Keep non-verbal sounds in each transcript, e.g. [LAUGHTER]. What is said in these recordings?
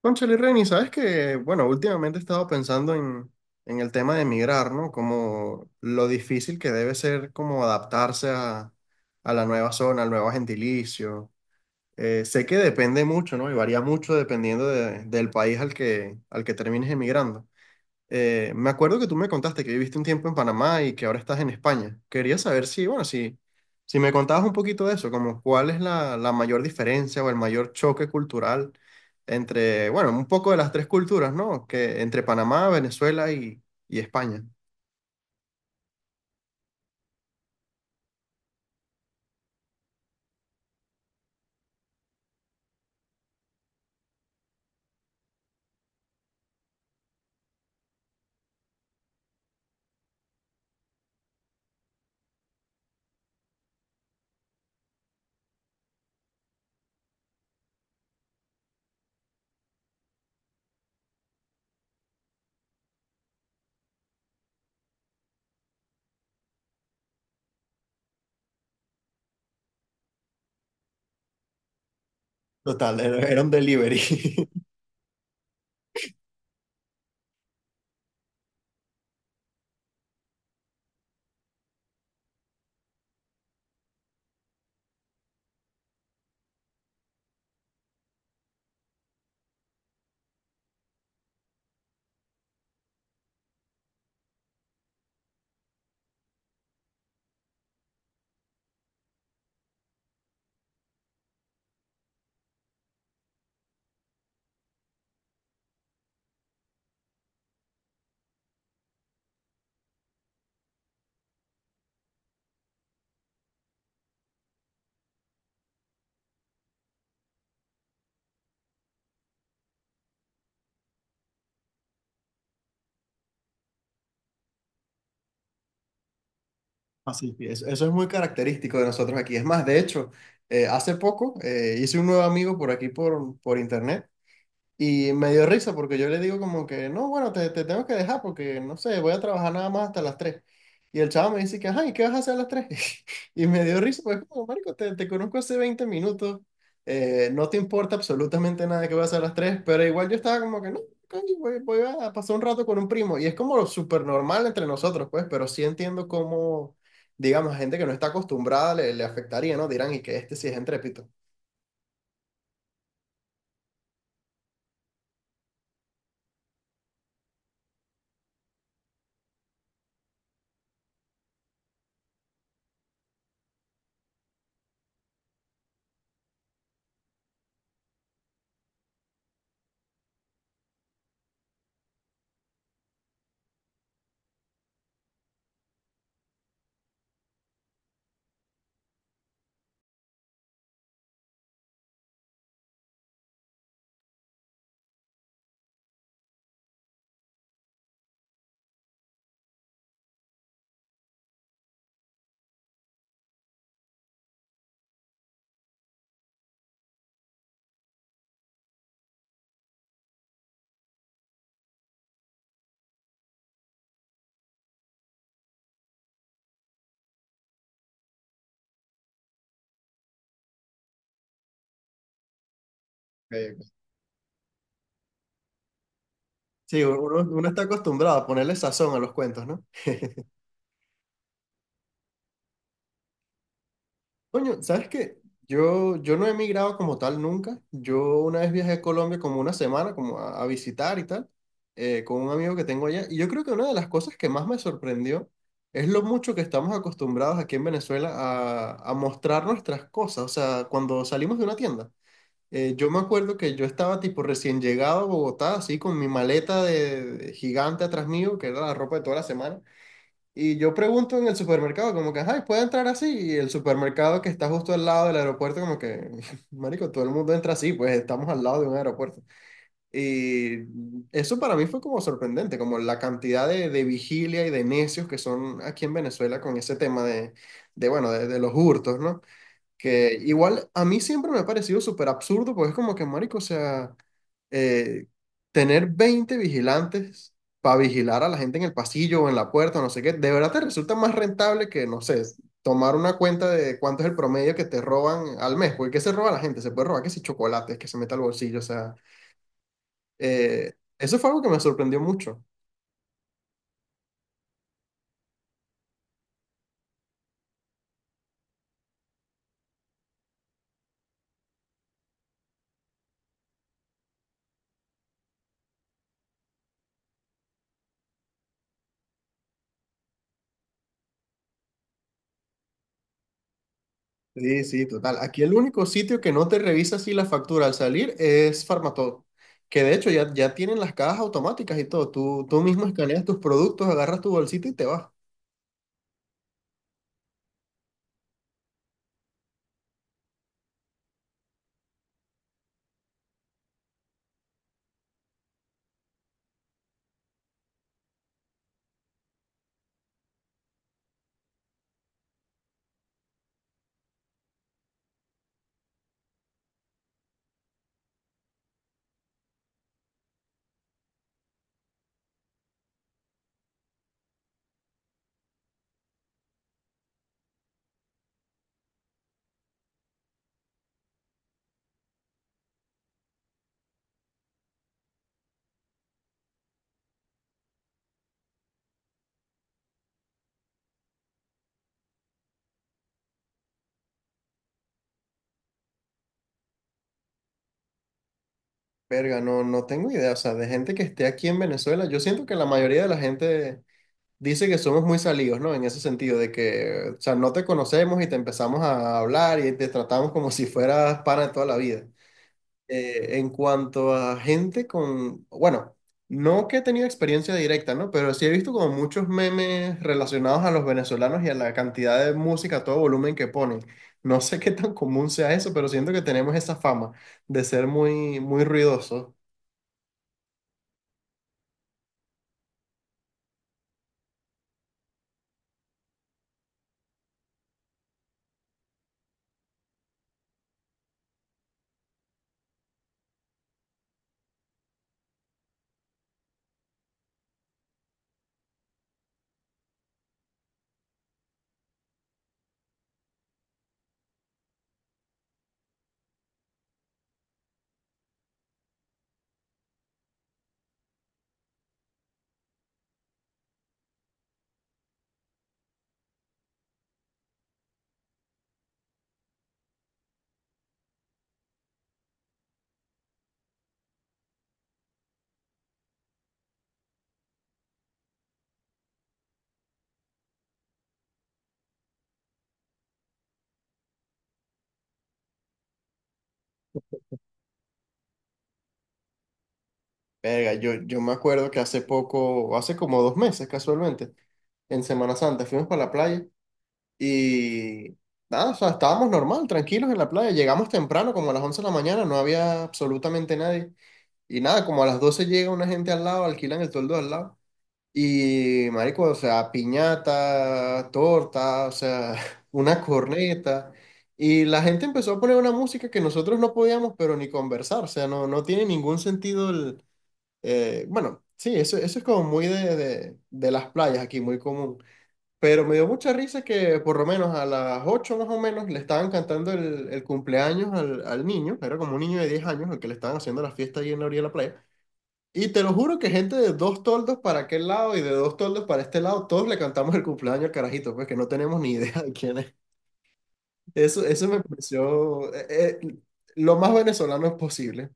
Cónchale, Reni, sabes que, bueno, últimamente he estado pensando en el tema de emigrar, ¿no? Como lo difícil que debe ser como adaptarse a la nueva zona, al nuevo gentilicio. Sé que depende mucho, ¿no? Y varía mucho dependiendo del país al que termines emigrando. Me acuerdo que tú me contaste que viviste un tiempo en Panamá y que ahora estás en España. Quería saber si, bueno, si me contabas un poquito de eso, como cuál es la, mayor diferencia o el mayor choque cultural entre, bueno, un poco de las tres culturas, ¿no? Que entre Panamá, Venezuela y España. Total, era un delivery. [LAUGHS] Así, sí, eso es muy característico de nosotros aquí. Es más, de hecho, hace poco hice un nuevo amigo por aquí por, internet. Y me dio risa porque yo le digo como que, no, bueno, te tengo que dejar porque, no sé, voy a trabajar nada más hasta las tres. Y el chavo me dice que, ay, ¿qué vas a hacer a las tres? [LAUGHS] Y me dio risa, pues como, marico, te, conozco hace 20 minutos, no te importa absolutamente nada que voy a hacer a las tres, pero igual yo estaba como que, no, coño, voy a pasar un rato con un primo. Y es como lo súper normal entre nosotros, pues, pero sí entiendo cómo, digamos, a gente que no está acostumbrada le, afectaría, ¿no? Dirán, y que este sí es entrépito. Eh, Sí, uno está acostumbrado a ponerle sazón a los cuentos, ¿no? Coño, ¿sabes qué? Yo no he emigrado como tal nunca. Yo una vez viajé a Colombia como una semana, como a visitar y tal, con un amigo que tengo allá. Y yo creo que una de las cosas que más me sorprendió es lo mucho que estamos acostumbrados aquí en Venezuela a, mostrar nuestras cosas. O sea, cuando salimos de una tienda. Yo me acuerdo que yo estaba tipo recién llegado a Bogotá, así con mi maleta de gigante atrás mío, que era la ropa de toda la semana. Y yo pregunto en el supermercado, como que, ay, ¿puedo entrar así? Y el supermercado que está justo al lado del aeropuerto, como que, [LAUGHS] marico, todo el mundo entra así, pues estamos al lado de un aeropuerto. Y eso para mí fue como sorprendente, como la cantidad de vigilia y de necios que son aquí en Venezuela con ese tema de bueno, de los hurtos, ¿no? Que igual a mí siempre me ha parecido súper absurdo, porque es como que, marico, o sea, eh, tener 20 vigilantes para vigilar a la gente en el pasillo o en la puerta, o no sé qué, de verdad te resulta más rentable que, no sé, tomar una cuenta de cuánto es el promedio que te roban al mes, porque ¿qué se roba la gente? Se puede robar que si chocolates, que se meta al bolsillo, o sea, eso fue algo que me sorprendió mucho. Sí, sí, total. Aquí el único sitio que no te revisa si la factura al salir es Farmatodo, que de hecho ya tienen las cajas automáticas y todo. Tú mismo escaneas tus productos, agarras tu bolsita y te vas. Verga, no, no tengo idea. O sea, de gente que esté aquí en Venezuela, yo siento que la mayoría de la gente dice que somos muy salidos, ¿no? En ese sentido, de que, o sea, no te conocemos y te empezamos a hablar y te tratamos como si fueras pana de toda la vida. En cuanto a gente con, bueno, no que he tenido experiencia directa, ¿no? Pero sí he visto como muchos memes relacionados a los venezolanos y a la cantidad de música a todo volumen que ponen. No sé qué tan común sea eso, pero siento que tenemos esa fama de ser muy, muy ruidosos. Verga, yo me acuerdo que hace poco, hace como 2 meses casualmente, en Semana Santa, fuimos para la playa y nada, o sea, estábamos normal, tranquilos en la playa. Llegamos temprano, como a las 11 de la mañana, no había absolutamente nadie. Y nada, como a las 12 llega una gente al lado, alquilan el toldo al lado. Y marico, o sea, piñata, torta, o sea, [LAUGHS] una corneta. Y la gente empezó a poner una música que nosotros no podíamos, pero ni conversar. O sea, no, no tiene ningún sentido el. Bueno, sí, eso es como muy de, las playas aquí, muy común. Pero me dio mucha risa que por lo menos a las 8 más o menos le estaban cantando el, cumpleaños al niño. Era como un niño de 10 años al que le estaban haciendo la fiesta ahí en la orilla de la playa. Y te lo juro que gente de dos toldos para aquel lado y de dos toldos para este lado, todos le cantamos el cumpleaños al carajito, pues que no tenemos ni idea de quién es. Eso me pareció lo más venezolano posible.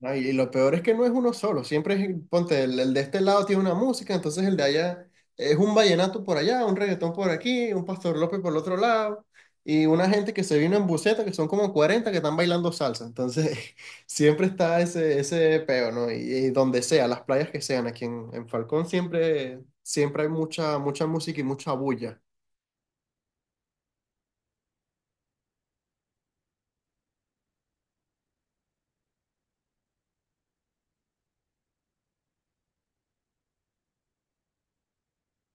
No, y, lo peor es que no es uno solo, siempre es, ponte, el de este lado tiene una música, entonces el de allá es un vallenato por allá, un reggaetón por aquí, un Pastor López por el otro lado, y una gente que se vino en buseta, que son como 40 que están bailando salsa, entonces [LAUGHS] siempre está ese peo, ¿no? Y donde sea, las playas que sean, aquí en Falcón siempre, siempre hay mucha, mucha música y mucha bulla.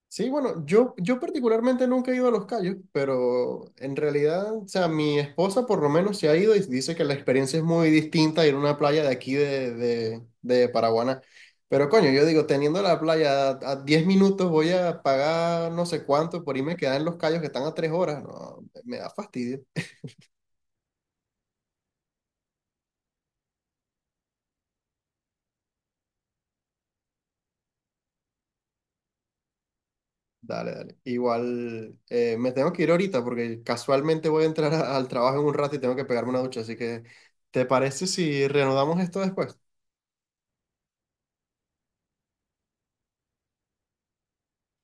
Sí, bueno, yo particularmente nunca he ido a Los Cayos, pero en realidad, o sea, mi esposa por lo menos se ha ido y dice que la experiencia es muy distinta a ir a una playa de aquí de, Paraguaná. Pero coño, yo digo, teniendo la playa a 10 minutos voy a pagar no sé cuánto por irme a quedar en Los Cayos que están a 3 horas. No, me da fastidio. Dale, dale. Igual me tengo que ir ahorita porque casualmente voy a entrar al trabajo en un rato y tengo que pegarme una ducha, así que ¿te parece si reanudamos esto después?